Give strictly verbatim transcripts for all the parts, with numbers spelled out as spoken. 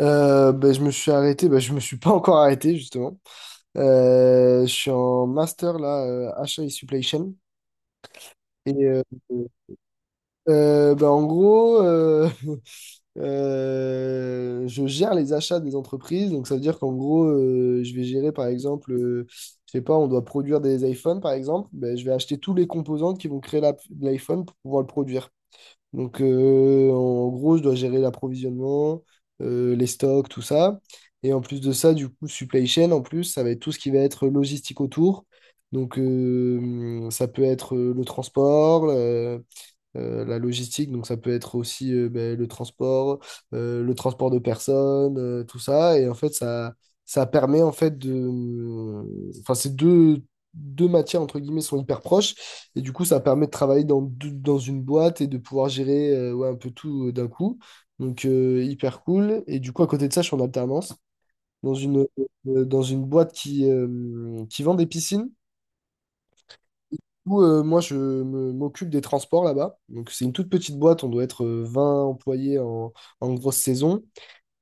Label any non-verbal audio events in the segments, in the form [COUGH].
Euh, ben, je me suis arrêté, ben, je me suis pas encore arrêté justement. Euh, je suis en master là, euh, achat et supply chain. Et euh, euh, ben, en gros, euh, [LAUGHS] euh, je gère les achats des entreprises. Donc ça veut dire qu'en gros, euh, je vais gérer par exemple, euh, je sais pas, on doit produire des iPhones par exemple. Ben, je vais acheter tous les composants qui vont créer l'app- l'iPhone pour pouvoir le produire. Donc, euh, en gros, je dois gérer l'approvisionnement, euh, les stocks, tout ça. Et en plus de ça, du coup, supply chain, en plus, ça va être tout ce qui va être logistique autour. Donc, euh, ça peut être euh, le transport, euh, euh, la logistique, donc ça peut être aussi euh, ben, le transport, euh, le transport de personnes, euh, tout ça. Et en fait, ça, ça permet en fait de. Enfin, ces deux, deux matières, entre guillemets, sont hyper proches. Et du coup, ça permet de travailler dans, deux- dans une boîte et de pouvoir gérer euh, ouais, un peu tout euh, d'un coup. Donc, euh, hyper cool. Et du coup, à côté de ça, je suis en alternance dans une, euh, dans une boîte qui, euh, qui vend des piscines. Où, euh, moi, je me- m'occupe des transports là-bas. Donc, c'est une toute petite boîte. On doit être euh, vingt employés en, en grosse saison.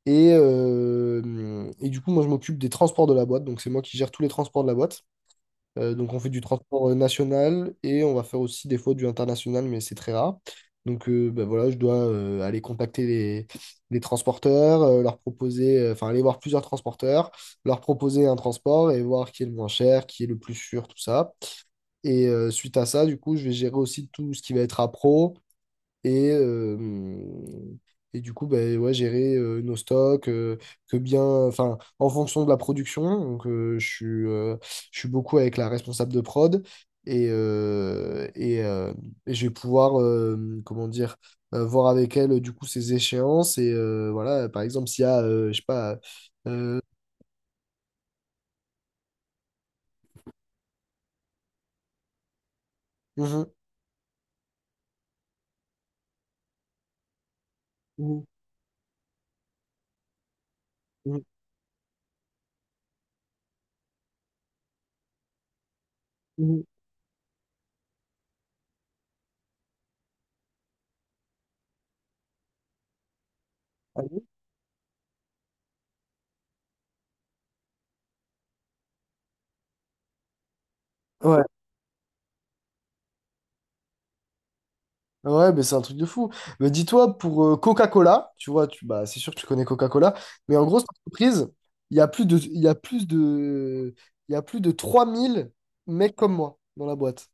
Et, euh, et du coup, moi, je m'occupe des transports de la boîte. Donc, c'est moi qui gère tous les transports de la boîte. Euh, donc, on fait du transport euh, national et on va faire aussi des fois du international, mais c'est très rare. Donc, euh, bah, voilà, je dois euh, aller contacter les, les transporteurs, euh, leur proposer, euh, enfin, aller voir plusieurs transporteurs, leur proposer un transport et voir qui est le moins cher, qui est le plus sûr, tout ça. Et euh, suite à ça, du coup, je vais gérer aussi tout ce qui va être appro et, euh, et du coup, ben ouais, gérer euh, nos stocks, euh, que bien, enfin, en fonction de la production. Donc, euh, je suis, euh, je suis beaucoup avec la responsable de prod et, euh, et, euh, et je vais pouvoir, euh, comment dire, euh, voir avec elle, du coup, ses échéances. Et euh, voilà, par exemple, s'il y a, euh, je sais pas. euh, Mhm, mhm, mhm, mhm. Allô. Ouais, ouais, mais c'est un truc de fou. Mais dis-toi, pour euh, Coca-Cola, tu vois, tu, bah, c'est sûr que tu connais Coca-Cola, mais en gros, cette entreprise, il y a plus de, il y a plus de, il y a plus de trois mille mecs comme moi dans la boîte.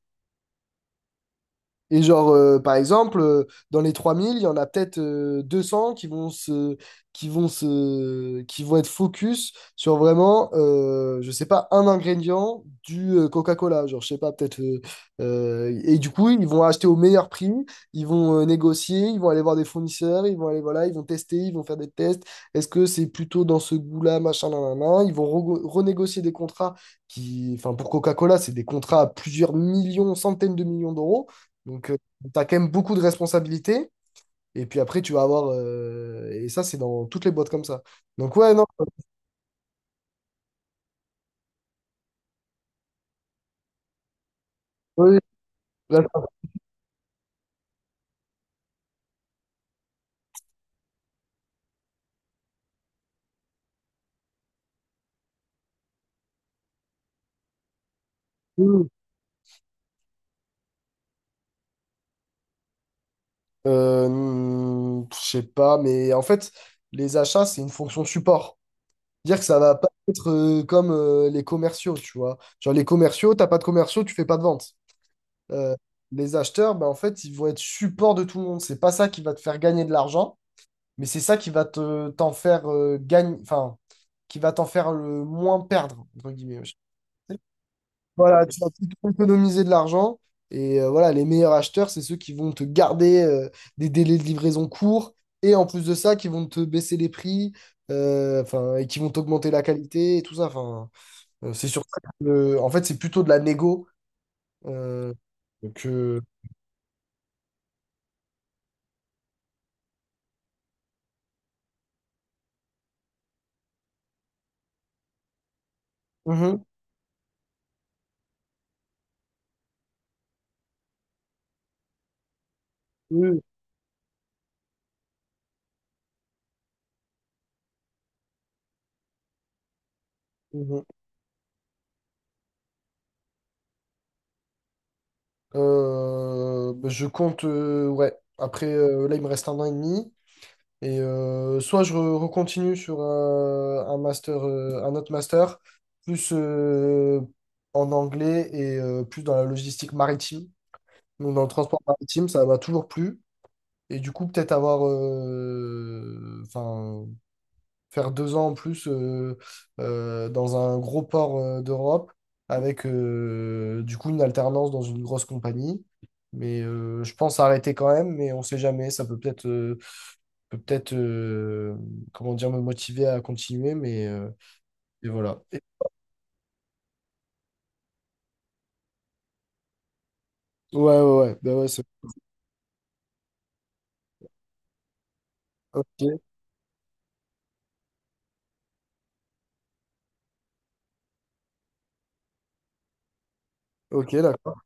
Et genre, euh, par exemple, euh, dans les trois mille il y en a peut-être euh, deux cents qui vont se, qui vont se, qui vont être focus sur vraiment, euh, je sais pas, un ingrédient du euh, Coca-Cola. Genre, je sais pas, peut-être. euh, euh, et du coup, ils vont acheter au meilleur prix, ils vont euh, négocier, ils vont aller voir des fournisseurs, ils vont aller, voilà, ils vont tester, ils vont faire des tests. Est-ce que c'est plutôt dans ce goût-là, machin, nan, nan, nan. Ils vont rego- renégocier des contrats qui, enfin, pour Coca-Cola, c'est des contrats à plusieurs millions, centaines de millions d'euros. Donc, tu as quand même beaucoup de responsabilités. Et puis après, tu vas avoir. euh, et ça, c'est dans toutes les boîtes comme ça. Donc, ouais, non. euh, oui, là, ça, oui. Euh, hmm, je sais pas, mais en fait, les achats, c'est une fonction support. Dire que ça va pas être euh, comme euh, les commerciaux, tu vois. Genre, les commerciaux, t'as pas de commerciaux, tu fais pas de vente. Euh, les acheteurs, ben, en fait, ils vont être support de tout le monde. C'est pas ça qui va te faire gagner de l'argent. Mais c'est ça qui va te t'en faire euh, gagner, enfin, qui va t'en faire le moins perdre, entre guillemets. Voilà, tu vas plutôt économiser de l'argent. Et euh, voilà, les meilleurs acheteurs, c'est ceux qui vont te garder euh, des délais de livraison courts. Et en plus de ça, qui vont te baisser les prix, euh, enfin, et qui vont t'augmenter la qualité et tout ça. Enfin, euh, c'est sur ça que, euh, en fait, c'est plutôt de la négo euh, que. Mhm. Oui, oui. Mhm. Euh, bah, je compte, euh, ouais. Après, euh, là, il me reste un an et demi. Et euh, soit je re- recontinue sur un, un master, euh, un autre master, plus euh, en anglais et euh, plus dans la logistique maritime. Donc dans le transport maritime, ça m'a toujours plu. Et du coup, peut-être avoir, euh, enfin, faire deux ans en plus euh, euh, dans un gros port euh, d'Europe avec euh, du coup une alternance dans une grosse compagnie. Mais euh, je pense arrêter quand même, mais on sait jamais. Ça peut peut-être euh, peut peut-être euh, comment dire me motiver à continuer mais euh, et voilà. Et- ouais, ouais, ouais, bah, ouais, c'est- ok, ok, d'accord.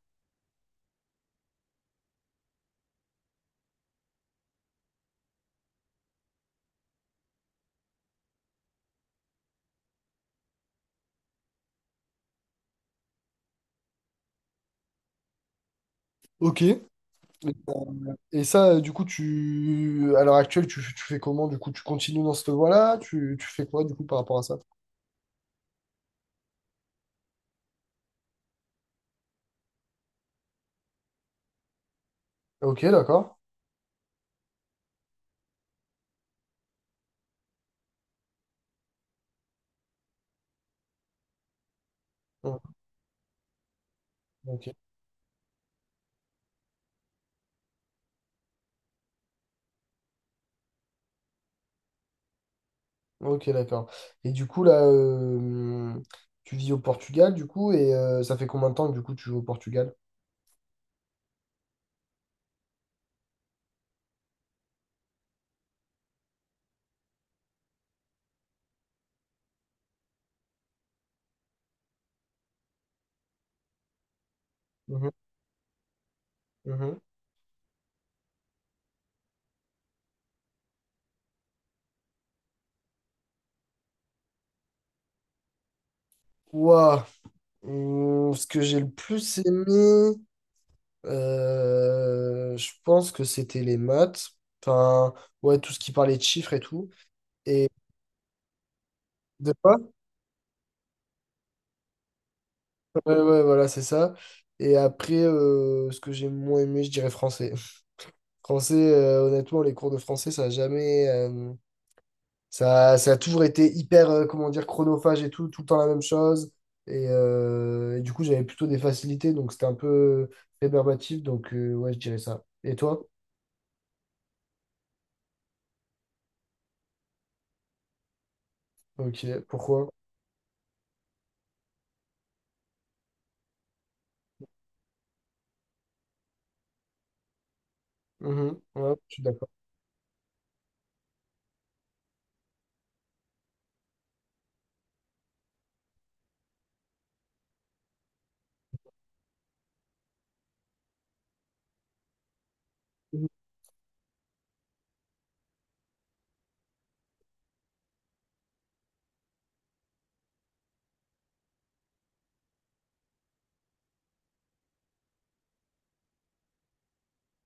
Ok, et, euh, et ça euh, du coup, tu à l'heure actuelle, tu, tu fais comment, du coup tu continues dans cette voie-là, tu, tu fais quoi du coup par rapport à ça? Ok, d'accord. Ouais, ok, ok, d'accord. Et du coup là, euh, tu vis au Portugal du coup et euh, ça fait combien de temps que du coup tu joues au Portugal? Mhm, mhm. Ouah, hum, ce que j'ai le plus aimé. Euh, je pense que c'était les maths. Enfin, ouais, tout ce qui parlait de chiffres et tout. Et de quoi? Ouais, ouais, voilà, c'est ça. Et après, euh, ce que j'ai moins aimé, je dirais français. [LAUGHS] Français, euh, honnêtement, les cours de français, ça a jamais. euh, ça, ça a toujours été hyper, euh, comment dire, chronophage et tout, tout le temps la même chose. Et, euh, et du coup, j'avais plutôt des facilités, donc c'était un peu rébarbatif. Donc, euh, ouais, je dirais ça. Et toi? Ok, pourquoi? Mhm, ouais, je suis d'accord.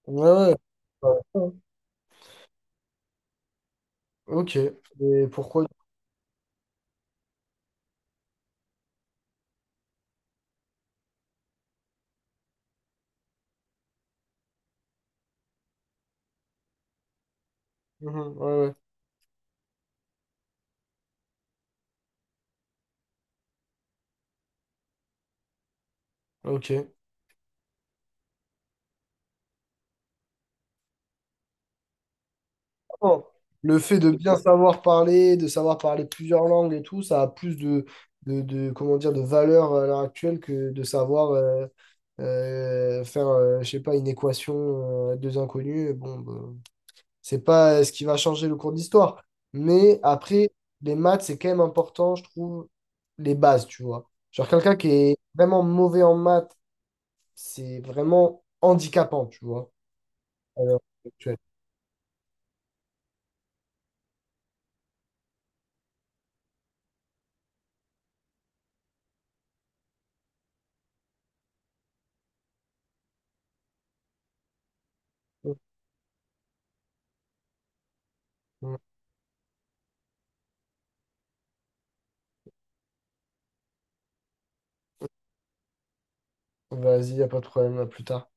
Ouais, ouais. Ouais. Ok. Et pourquoi? Mhm, ouais, ouais. Ok. Bon. Le fait de bien savoir parler, de savoir parler plusieurs langues et tout, ça a plus de, de, de- comment dire, de valeur à l'heure actuelle que de savoir euh, euh, faire, euh, je sais pas, une équation, euh, à deux inconnus. Bon, ben, c'est pas euh, ce qui va changer le cours d'histoire. Mais après, les maths, c'est quand même important, je trouve, les bases, tu vois. Genre quelqu'un qui est vraiment mauvais en maths, c'est vraiment handicapant, tu vois, à l'heure actuelle. Mm. Vas-y, y a pas de problème, à plus tard.